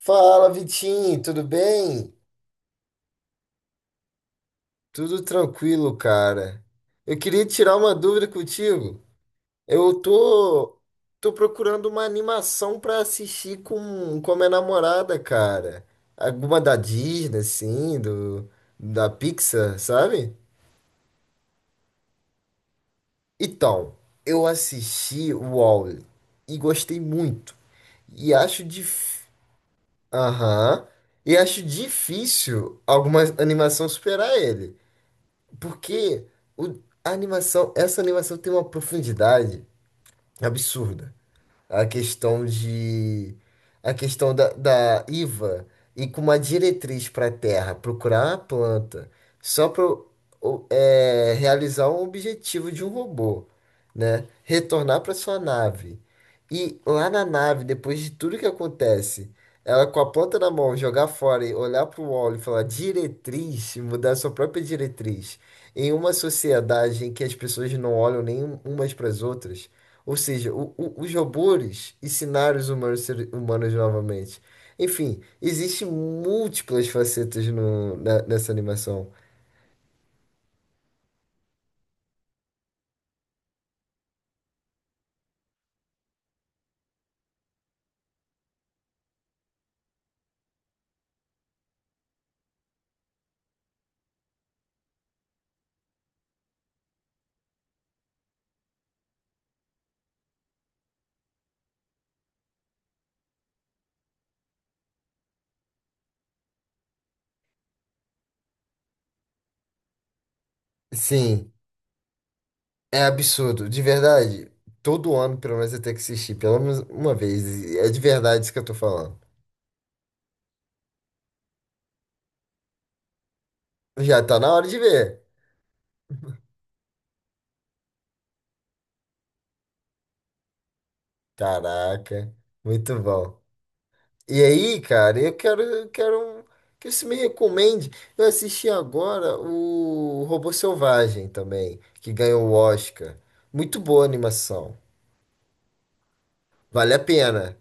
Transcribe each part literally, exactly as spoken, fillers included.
Fala, Vitinho, tudo bem? Tudo tranquilo, cara. Eu queria tirar uma dúvida contigo. Eu tô, tô procurando uma animação pra assistir com, com a minha namorada, cara. Alguma da Disney, assim, do, da Pixar, sabe? Então, eu assisti o Wall-E e gostei muito. E acho dif... Aham. E acho difícil alguma animação superar ele. Porque o- a animação, essa animação tem uma profundidade absurda, a questão de a questão da, da IVA, e com uma diretriz para a terra procurar a planta só para realizar um objetivo de um robô, né? Retornar para sua nave. E lá na nave, depois de tudo que acontece, ela com a planta na mão, jogar fora e olhar para o óleo e falar diretriz, e mudar sua própria diretriz. Em uma sociedade em que as pessoas não olham nem umas para as outras, ou seja, o- o- os robôs ensinaram os humanos, ser- humanos novamente. Enfim, existem múltiplas facetas no- na- nessa animação. Sim, é absurdo, de verdade. Todo ano, pelo menos, eu tenho que assistir, pelo menos uma vez. e É de verdade isso que eu tô falando. Já tá na hora de ver. Caraca, muito bom. E aí, cara, eu quero, eu quero um- que você me recomende. Eu assisti agora o Robô Selvagem também, que ganhou o Oscar. Muito boa a animação. Vale a pena.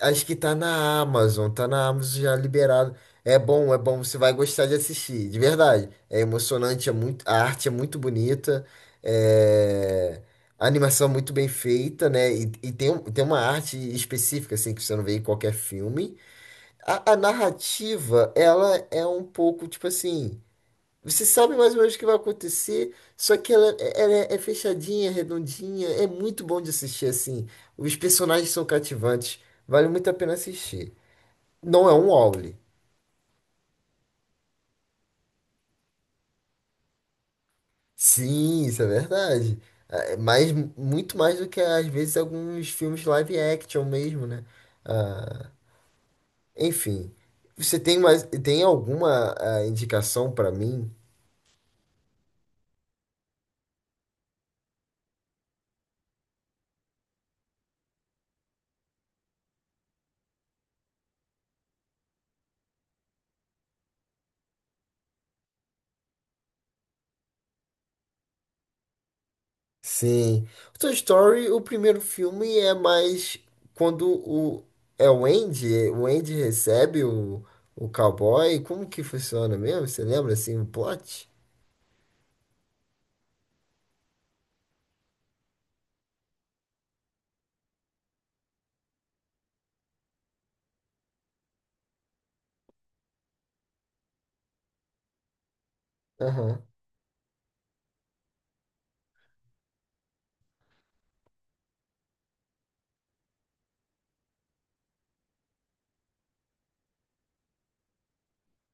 Acho que tá na Amazon, tá na Amazon já liberado. É bom, é bom, você vai gostar de assistir, de verdade. É emocionante, é muito, a arte é muito bonita, é, a animação é muito bem feita, né? E, e tem, um- tem uma arte específica, assim, que você não vê em qualquer filme. A, a narrativa, ela é um pouco, tipo assim, você sabe mais ou menos o que vai acontecer, só que ela, ela é, é fechadinha, redondinha, é muito bom de assistir, assim. Os personagens são cativantes, vale muito a pena assistir. Não é um wall Sim, isso é verdade. É, Mas muito mais do que, às vezes, alguns filmes live action mesmo, né? Ah, enfim, você tem mais, tem alguma ah, indicação pra mim? Sim. O Toy Story, o primeiro filme é mais quando o é o Andy, o Andy recebe o, o cowboy, como que funciona mesmo? Você lembra assim o plot? Aham.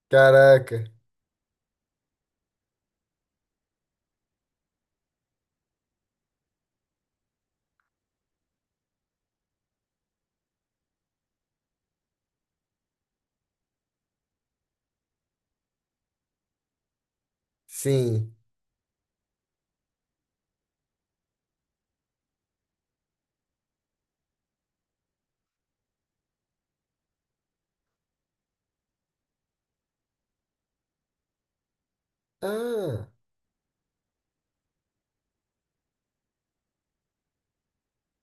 Caraca. Sim. Ah.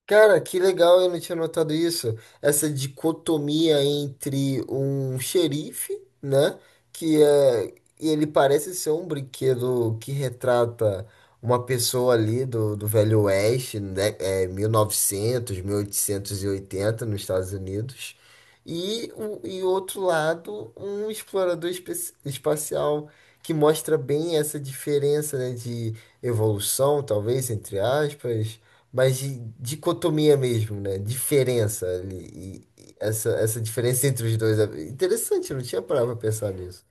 Cara, que legal, eu não tinha notado isso. Essa dicotomia entre um xerife, né? Que é, e ele parece ser um brinquedo que retrata uma pessoa ali do, do Velho Oeste, né? É, mil e novecentos, mil oitocentos e oitenta nos Estados Unidos. E, o- e outro lado, um explorador espe- espacial que mostra bem essa diferença, né, de evolução, talvez, entre aspas, mas de- dicotomia mesmo, né? Diferença ali. E- e essa, essa diferença entre os dois. é Interessante, eu não tinha parado pra pensar nisso.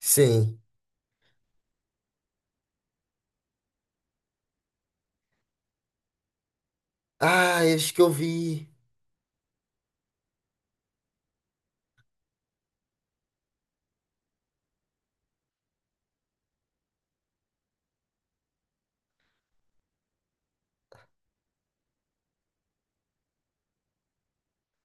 Sim. Ah, eu acho que eu vi.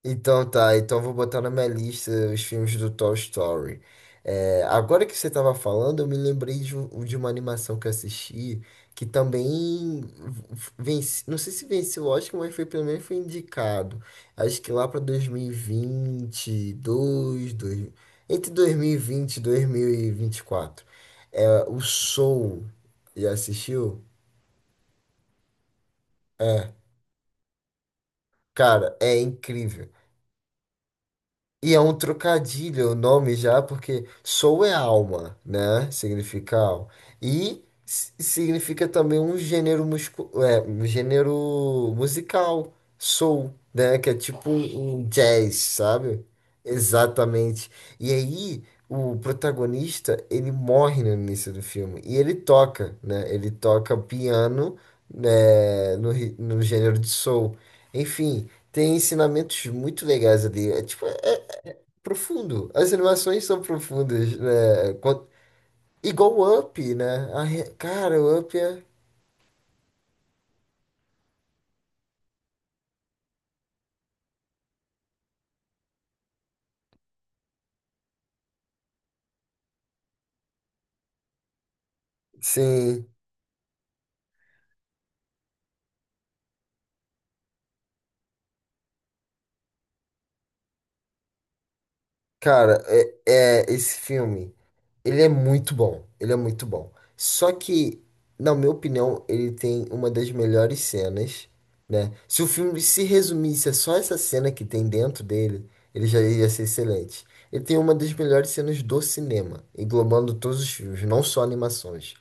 Então tá, então eu vou botar na minha lista os filmes do Toy Story. É, agora que você estava falando, eu me lembrei de, um- de uma animação que eu assisti que também vence, não sei se venceu o Oscar, mas foi pelo menos foi indicado. Acho que lá para dois mil e vinte e dois, dois, dois entre dois mil e vinte, vinte, dois mil e vinte e quatro. É, o Soul, já assistiu? É, cara, é incrível. E é um trocadilho o nome já, porque soul é alma, né? Significa alma. E si- significa também um gênero muscu é, um gênero musical, soul, né? Que é tipo um um jazz, sabe? Exatamente. E aí o protagonista, ele morre no início do filme. E ele toca, né? Ele toca piano, né? No, ri- no gênero de soul. Enfim, tem ensinamentos muito legais ali. É tipo, é profundo. As animações são profundas, né? Quan- Igual o Up, né? A re- Cara, o Up é. Sim, cara, é, é- esse filme, ele é muito bom. Ele é muito bom. Só que, na minha opinião, ele tem uma das melhores cenas, né? Se o filme se resumisse a só essa cena que tem dentro dele, ele já ia ser excelente. Ele tem uma das melhores cenas do cinema, englobando todos os filmes, não só animações.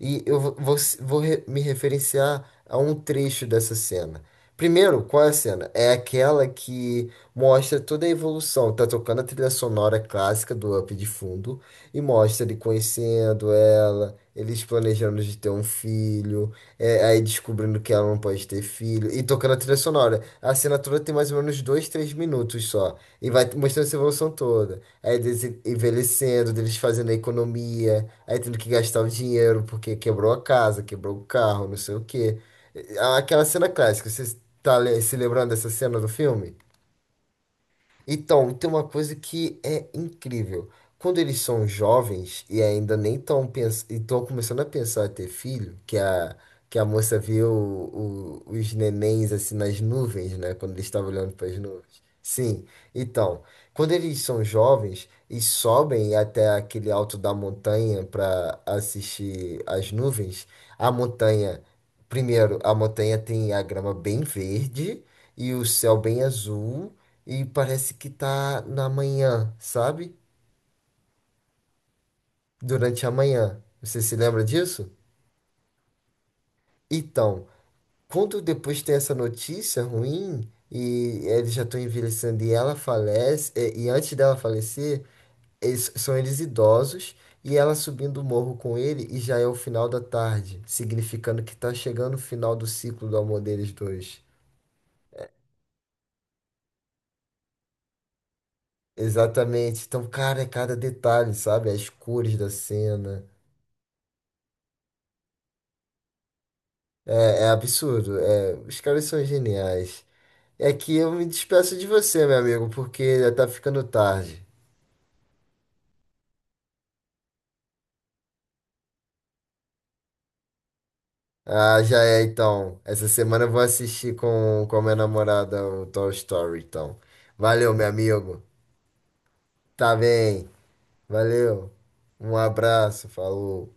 E eu vou, vou vou re- me referenciar a um trecho dessa cena. Primeiro, qual é a cena? É aquela que mostra toda a evolução. Tá tocando a trilha sonora clássica do Up de fundo e mostra ele conhecendo ela, eles planejando de ter um filho, é, aí descobrindo que ela não pode ter filho e tocando a trilha sonora. A cena toda tem mais ou menos dois, três minutos só. E vai mostrando essa evolução toda. Aí eles envelhecendo, deles fazendo a economia, aí tendo que gastar o dinheiro porque quebrou a casa, quebrou o carro, não sei o quê. É, Aquela cena clássica, você tá le- se lembrando dessa cena do filme? Então, tem uma coisa que é incrível. Quando eles são jovens e ainda nem estão estão começando a pensar em ter filho, que a, que a moça viu o- o- os nenéns assim nas nuvens, né? Quando eles estavam olhando para as nuvens. Sim, então, quando eles são jovens e sobem até aquele alto da montanha para assistir as nuvens, a montanha, primeiro, a montanha tem a grama bem verde e o céu bem azul e parece que tá na manhã, sabe? Durante a manhã. Você se lembra disso? Então, quando depois tem essa notícia ruim e eles já estão envelhecendo e ela falece, e, e antes dela falecer, eles, são eles idosos e ela subindo o morro com ele e já é o final da tarde, significando que tá chegando o final do ciclo do amor deles dois. Exatamente. Então, cara, é cada detalhe, sabe? As cores da cena. É, é absurdo. É, os caras são geniais. É que eu me despeço de você, meu amigo, porque já tá ficando tarde. Ah, já é, então. Essa semana eu vou assistir com, com a minha namorada o Toy Story, então. Valeu, meu amigo. Tá bem. Valeu. Um abraço. Falou.